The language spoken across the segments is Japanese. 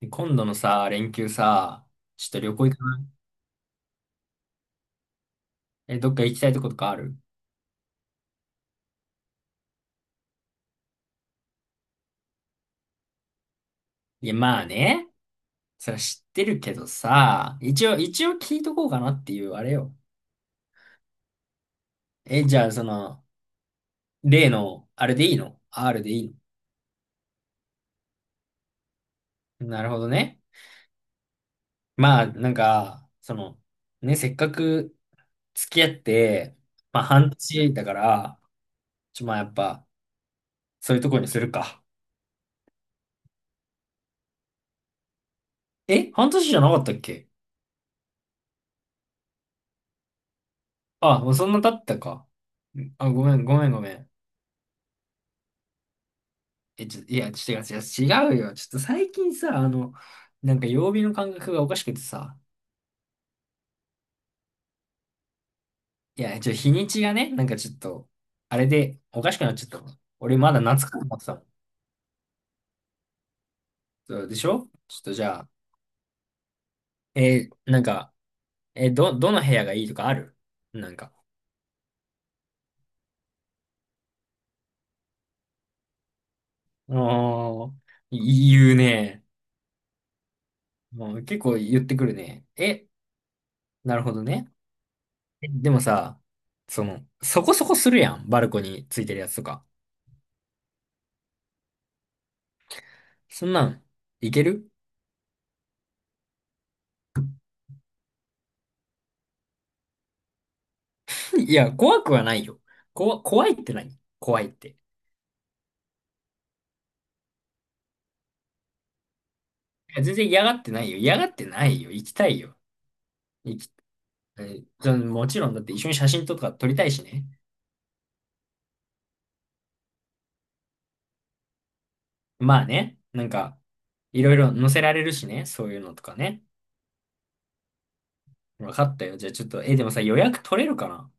で今度のさ、連休さ、ちょっと旅行行かない？え、どっか行きたいとことかある？いや、まあね。それは知ってるけどさ、一応聞いとこうかなっていう、あれよ。え、じゃあ、例の、あれでいいの？ R でいいの？なるほどね。まあ、なんか、ね、せっかく付き合って、まあ、半年だから、まあ、やっぱ、そういうとこにするか。え、半年じゃなかったっけ？あ、もうそんな経ったか。あ、ごめん、ごめん、ごめん。え、いや、違う違う、違うよ。ちょっと最近さ、なんか曜日の感覚がおかしくてさ、いや、日にちがね、なんかちょっと、あれでおかしくなっちゃったの。俺まだ夏かと思ってたもん。そうでしょ？ちょっとじゃあ、なんか、どの部屋がいいとかある？なんか。あー、言うね。もう結構言ってくるね。え、なるほどね。でもさ、そこそこするやん。バルコニーついてるやつとか。そんなん、いける？いや、怖くはないよ。怖いって何？怖いって。いや、全然嫌がってないよ。嫌がってないよ。行きたいよ。行き、もちろんだって一緒に写真とか撮りたいしね。まあね、なんか、いろいろ載せられるしね。そういうのとかね。分かったよ。じゃあちょっと、でもさ、予約取れるかな？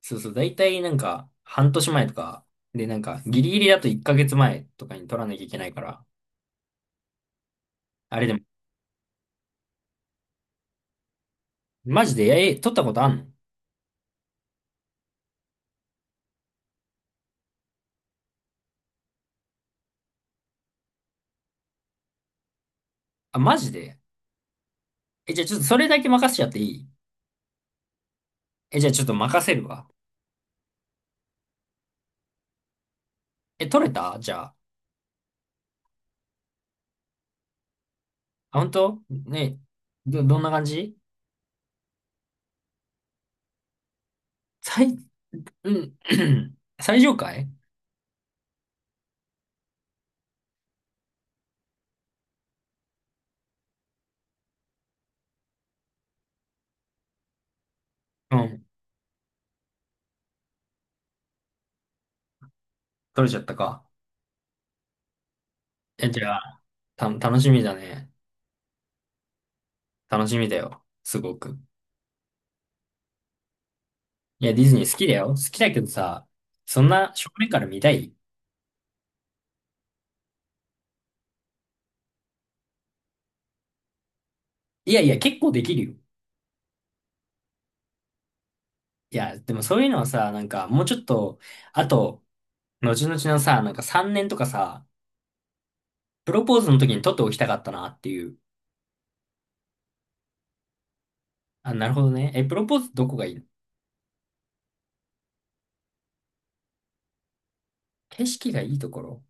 そうそう、だいたいなんか、半年前とか、で、なんか、ギリギリだと1ヶ月前とかに取らなきゃいけないから。あれでも、マジで、取ったことあんの？あ、マジで？え、じゃあちょっとそれだけ任せちゃっていい？え、じゃあちょっと任せるわ。え、取れた？じゃあ。あ、本当ね、どんな感じ？最、うん、最上階。うん。取れちゃったか。え、じゃあ、楽しみだね。楽しみだよ。すごく。いや、ディズニー好きだよ。好きだけどさ、そんな正面から見たい？いやいや、結構できるよ。いや、でもそういうのはさ、なんか、もうちょっと、あと、後々のさ、なんか3年とかさ、プロポーズの時に撮っておきたかったなっていう。あ、なるほどね。え、プロポーズどこがいいの？景色がいいところ？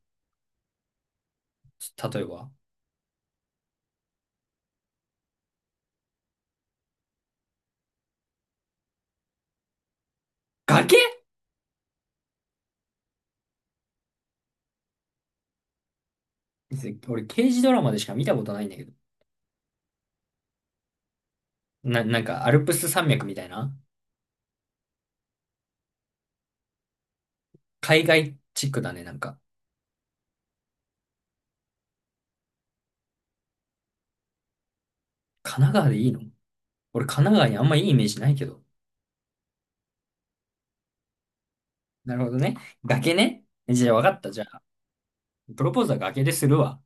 例えば。崖？俺、刑事ドラマでしか見たことないんだけど。なんか、アルプス山脈みたいな？海外チックだね、なんか。神奈川でいいの？俺、神奈川にあんまいいイメージないけど。なるほどね。崖ね。じゃあ、わかった。じゃあ、プロポーズは崖でするわ。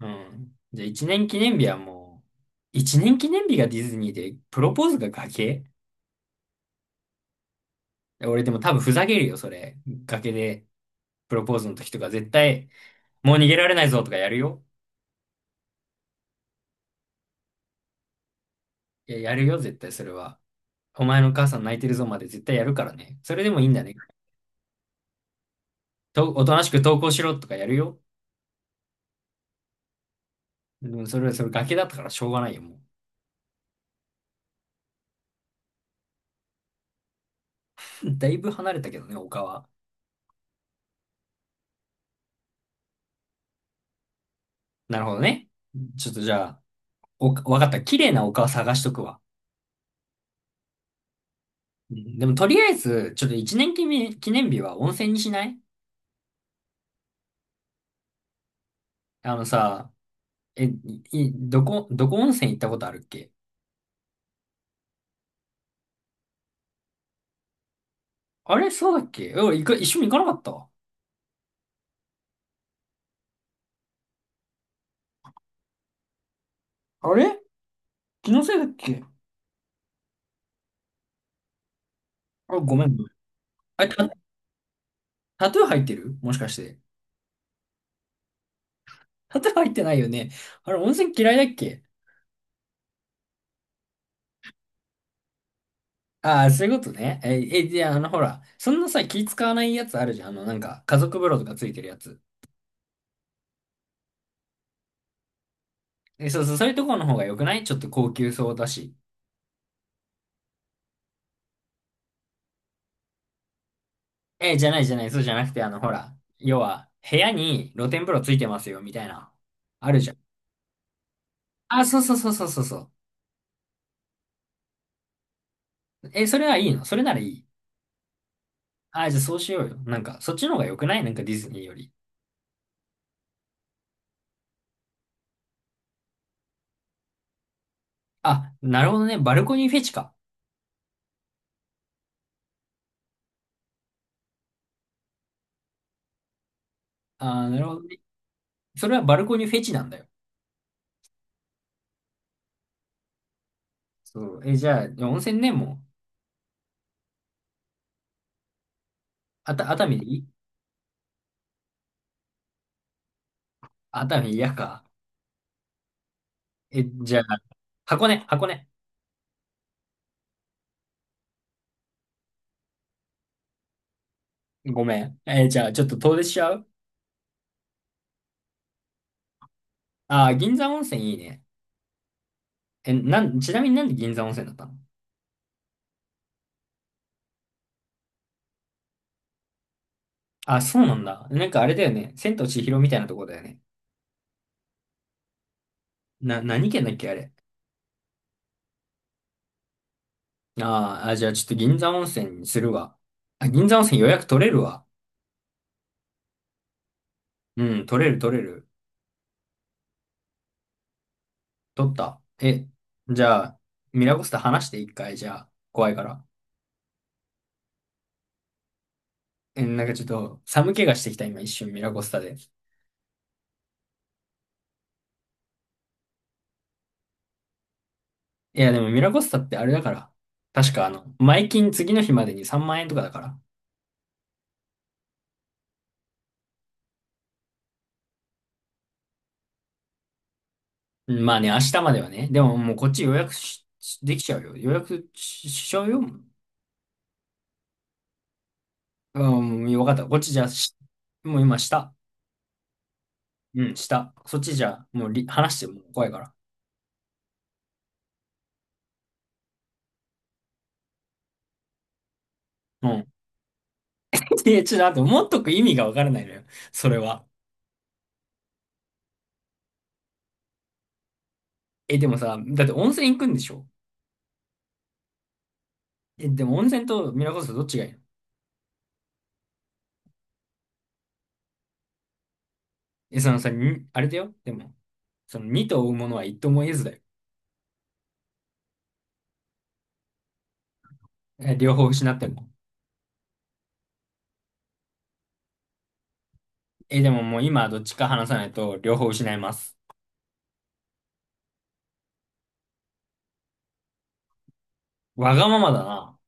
うん。じゃあ、一年記念日はもう、一年記念日がディズニーで、プロポーズが崖？俺、でも多分ふざけるよ、それ。崖で、プロポーズの時とか、絶対、もう逃げられないぞとかやるよ。いや、やるよ、絶対、それは。お前のお母さん泣いてるぞまで絶対やるからね。それでもいいんだね。おとなしく投稿しろとかやるよ。でもそれ崖だったからしょうがないよ、もう。だいぶ離れたけどね、丘は。なるほどね。ちょっとじゃあ、わかった。綺麗な丘を探しとくわ。うんでもとりあえず、ちょっと一年記念、記念日は温泉にしない？あのさ、え、い、いどこ、どこ温泉行ったことあるっけ？あれ？そうだっけ？え、俺、行く、一緒に行かなかった？あれ？気のせいだっけ？あ、ごめん。あ、タトゥー入ってるもしかして？砂糖入ってないよね。あれ、温泉嫌いだっけ？ああー、そういうことね。じゃあ、ほら、そんなさ、気使わないやつあるじゃん。なんか、家族風呂とかついてるやつ。え、そうそう、そういうとこの方が良くない？ちょっと高級そうだし。え、じゃないじゃない、そうじゃなくて、ほら、要は、部屋に露天風呂ついてますよ、みたいな。あるじゃん。あー、そうそうそうそうそうそう。え、それはいいの？それならいい。あ、じゃあそうしようよ。なんか、そっちの方が良くない？なんかディズニーより。あ、なるほどね。バルコニーフェチか。あー、なるほどね。それはバルコニーフェチなんだよ。そう。え、じゃあ、温泉ね、もう。熱海でいい？熱海嫌か？え、じゃあ、箱根、箱根。ごめん。え、じゃあ、ちょっと遠出しちゃう？あー、銀座温泉いいね。え、なん、ちなみになんで銀座温泉だったの？あ、そうなんだ。なんかあれだよね。千と千尋みたいなとこだよね。何県だっけ、あれ。あーあ、じゃあちょっと銀座温泉にするわ。あ、銀座温泉予約取れるわ。うん、取れる取れる。取った。え、じゃあ、ミラコスタ話して一回、じゃあ、怖いから。え、なんかちょっと寒気がしてきた。今一瞬ミラコスタで。いやでもミラコスタってあれだから。確か前金次の日までに3万円とかだから。うんまあね、明日まではね。でももうこっち予約しできちゃうよ。予約しちゃうよ。うん、よかった。こっちじゃし、もう今下。うん、下。そっちじゃ、もう話しても怖いから。うん。え、ちょっと待って、持っとく意味がわからないのよ。それは。え、でもさ、だって温泉行くんでしょ？え、でも温泉とミラコスタどっちがいいの？え、そのさ、にあれだよ。でも、その2と追うものは一とも得ずだよ。え、両方失っても。え、でももう今どっちか話さないと両方失います。わがままだな。